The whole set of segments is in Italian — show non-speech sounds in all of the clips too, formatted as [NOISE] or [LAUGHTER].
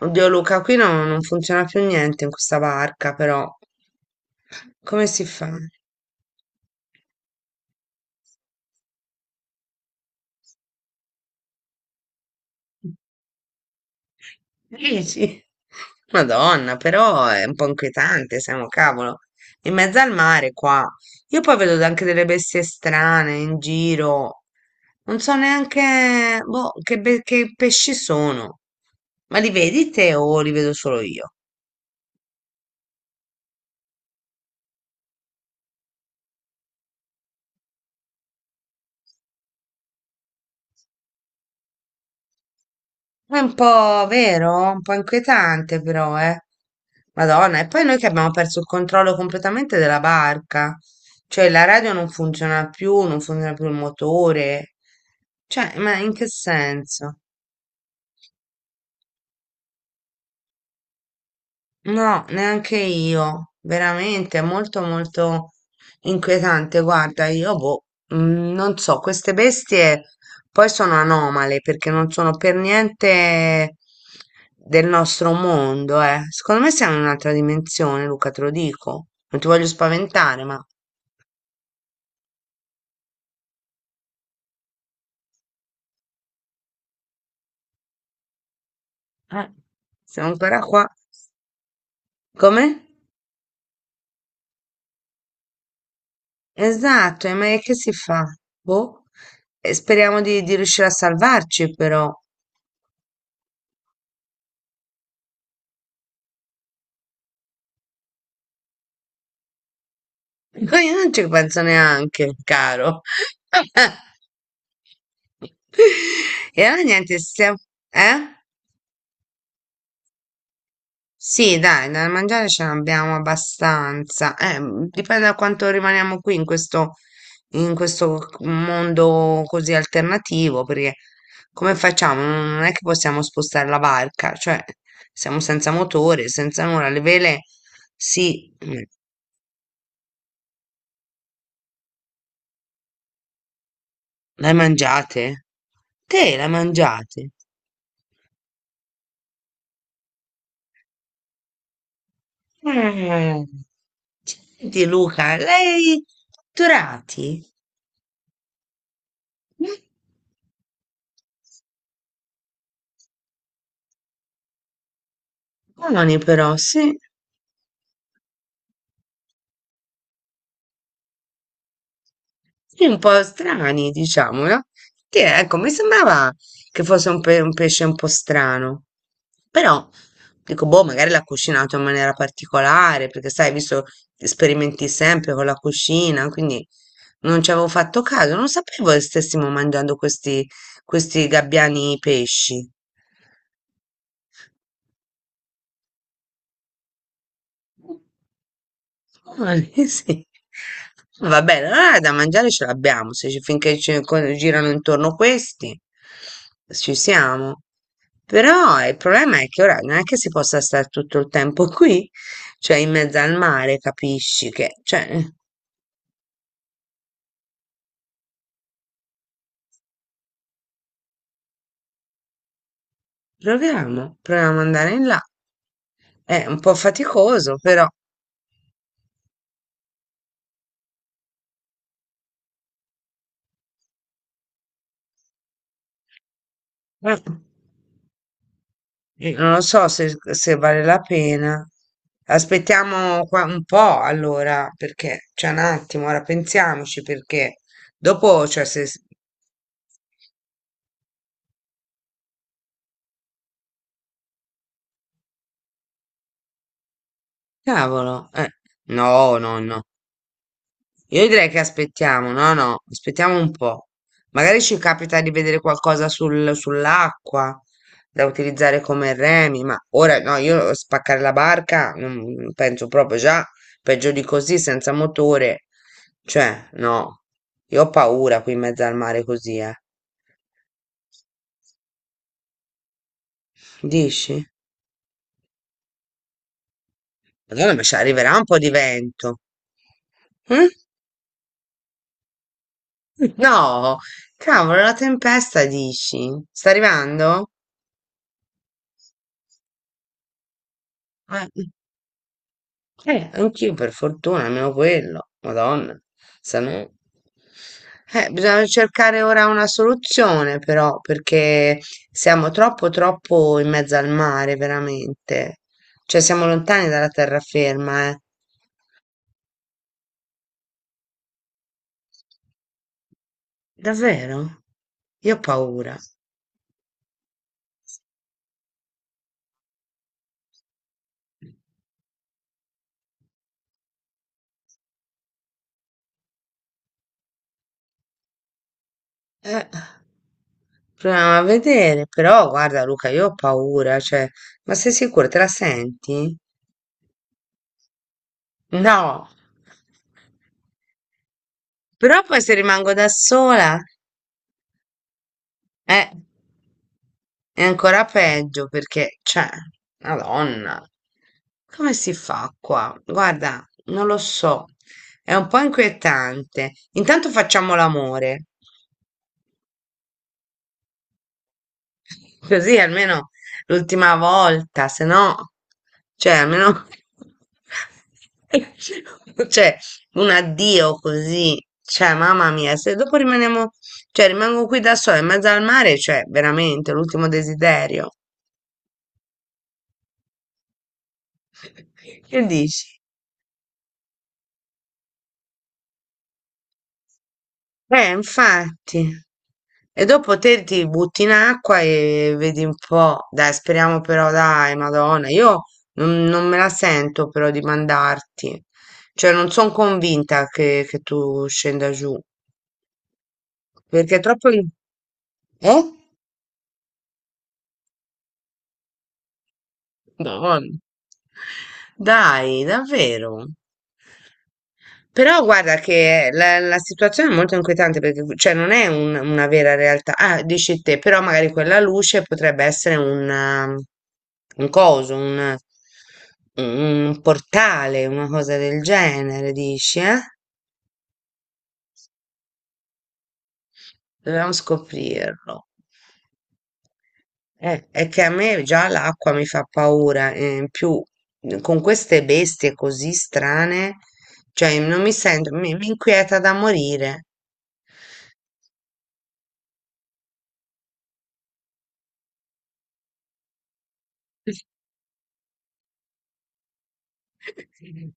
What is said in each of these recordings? Oddio Luca, qui non funziona più niente in questa barca, però come si fa? Dici? Madonna, però è un po' inquietante, siamo cavolo. In mezzo al mare qua. Io poi vedo anche delle bestie strane in giro. Non so neanche boh, che, che pesci sono. Ma li vedi te o li vedo solo io? È un po' vero, un po' inquietante però, eh. Madonna, e poi noi che abbiamo perso il controllo completamente della barca, cioè la radio non funziona più, non funziona più il motore, cioè, ma in che senso? No, neanche io, veramente, è molto inquietante. Guarda, io boh, mm, non so, queste bestie poi sono anomale perché non sono per niente del nostro mondo, eh. Secondo me siamo in un'altra dimensione, Luca, te lo dico. Non ti voglio spaventare, ma eh, siamo ancora qua. Come? Esatto, e ma che si fa? Boh. E speriamo di riuscire a salvarci, però. No, io non ci penso neanche, caro. [LAUGHS] E allora niente, stiamo... Eh? Sì, dai, da mangiare ce n'abbiamo abbastanza. Dipende da quanto rimaniamo qui in in questo mondo così alternativo, perché come facciamo? Non è che possiamo spostare la barca, cioè siamo senza motore, senza nulla. Le vele, sì, mm, le hai mangiate? Te le hai mangiate? Eh, senti Luca, lei dottorati? Buoni però, sì. Sì, un po' strani, diciamo, no? Che, ecco, mi sembrava che fosse un, un pesce un po' strano, però dico, boh, magari l'ha cucinato in maniera particolare, perché sai, visto che sperimenti sempre con la cucina, quindi non ci avevo fatto caso, non sapevo che stessimo mangiando questi gabbiani pesci. Ah, [LAUGHS] sì. Va bene, allora da mangiare ce l'abbiamo, se finché ci girano intorno questi, ci siamo. Però il problema è che ora non è che si possa stare tutto il tempo [LAUGHS] qui, cioè in mezzo al mare, capisci che, cioè, proviamo ad andare in là. È un po' faticoso, però. Eh. Non so se vale la pena. Aspettiamo qua un po' allora, perché c'è un attimo, ora pensiamoci perché dopo, cioè, se... Cavolo, no. Io direi che aspettiamo, no, no, aspettiamo un po'. Magari ci capita di vedere qualcosa sull'acqua da utilizzare come remi, ma ora no, io spaccare la barca non penso proprio già, peggio di così, senza motore. Cioè, no, io ho paura qui in mezzo al mare così, eh. Dici? Madonna, ma ci arriverà un po' di vento. Mm? No, cavolo, la tempesta dici? Sta arrivando? Eh. Anch'io per fortuna, almeno quello. Madonna, se no... bisogna cercare ora una soluzione però, perché siamo troppo in mezzo al mare, veramente. Cioè siamo lontani dalla terraferma, eh. Davvero? Io ho paura. Eh, proviamo a vedere, però guarda Luca, io ho paura, cioè, ma sei sicuro? Te la senti? No. Però poi se rimango da sola... Eh, è ancora peggio perché, cioè, Madonna, come si fa qua? Guarda, non lo so, è un po' inquietante. Intanto facciamo l'amore, così almeno l'ultima volta, se no, cioè, almeno, [LAUGHS] cioè, un addio così, cioè, mamma mia, se dopo rimaniamo, cioè, rimango qui da sola in mezzo al mare, cioè, veramente, l'ultimo desiderio. Che dici? Infatti. E dopo te ti butti in acqua e vedi un po'. Dai, speriamo però, dai, Madonna. Io non me la sento però di mandarti. Cioè, non sono convinta che tu scenda giù. Perché è troppo... in- Eh? Madonna. Dai, davvero. Però guarda che la situazione è molto inquietante perché cioè, non è una vera realtà. Ah, dici te, però magari quella luce potrebbe essere un, un coso, un portale, una cosa del genere, dici, eh? Dobbiamo scoprirlo. È che a me già l'acqua mi fa paura, in più con queste bestie così strane, cioè non mi sento, mi inquieta da morire.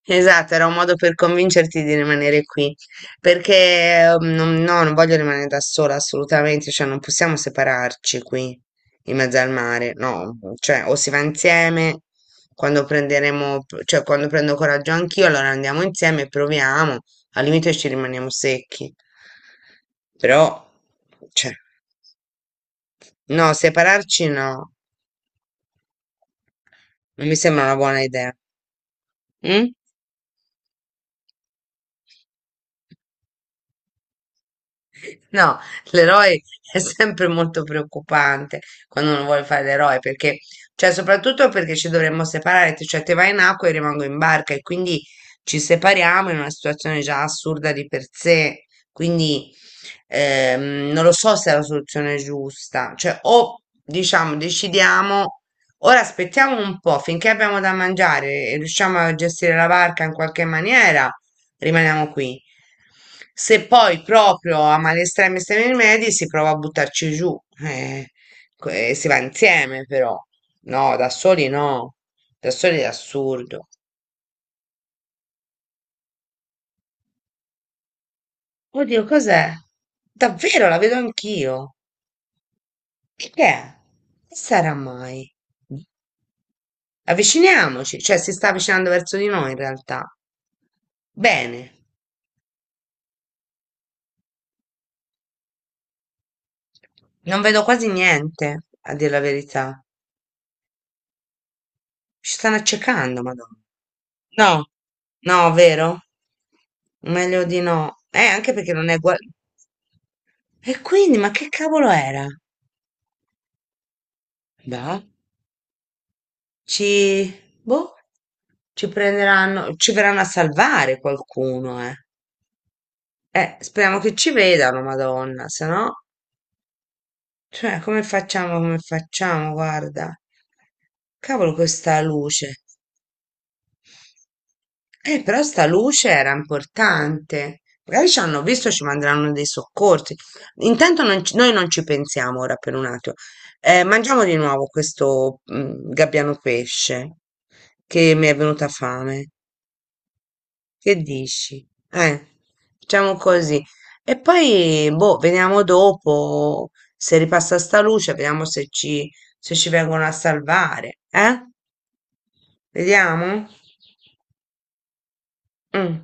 Esatto, era un modo per convincerti di rimanere qui, perché no, non voglio rimanere da sola assolutamente, cioè non possiamo separarci qui in mezzo al mare, no, cioè o si va insieme quando prenderemo, cioè quando prendo coraggio anch'io, allora andiamo insieme e proviamo, al limite ci rimaniamo secchi, però, cioè, no, separarci no, non mi sembra una buona idea. Mm? No, l'eroe è sempre molto preoccupante quando uno vuole fare l'eroe, perché, cioè, soprattutto perché ci dovremmo separare, cioè te vai in acqua e io rimango in barca e quindi ci separiamo in una situazione già assurda di per sé, quindi non lo so se è la soluzione giusta, cioè o diciamo decidiamo, ora aspettiamo un po' finché abbiamo da mangiare e riusciamo a gestire la barca in qualche maniera, rimaniamo qui. Se poi proprio a male estreme estremi rimedi si prova a buttarci giù, eh, si va insieme però, no, da soli no, da soli è assurdo. Oddio, cos'è? Davvero, la vedo anch'io. Che è? Che sarà mai? Avviciniamoci, cioè si sta avvicinando verso di noi in realtà. Bene, non vedo quasi niente, a dire la verità. Ci stanno accecando, madonna. No, no, vero? Meglio di no. Anche perché non è gua- E quindi, ma che cavolo era? Beh, ci... boh, ci prenderanno, ci verranno a salvare qualcuno, eh. Speriamo che ci vedano, madonna, se no... Cioè, come facciamo, guarda. Cavolo questa luce. Però sta luce era importante. Magari ci hanno visto, ci manderanno dei soccorsi. Intanto non noi non ci pensiamo ora per un attimo. Mangiamo di nuovo questo mm, gabbiano pesce che mi è venuta fame. Che dici? Eh, facciamo così. E poi, boh, vediamo dopo se ripassa sta luce, vediamo se ci, se ci vengono a salvare. Eh? Vediamo? Mm.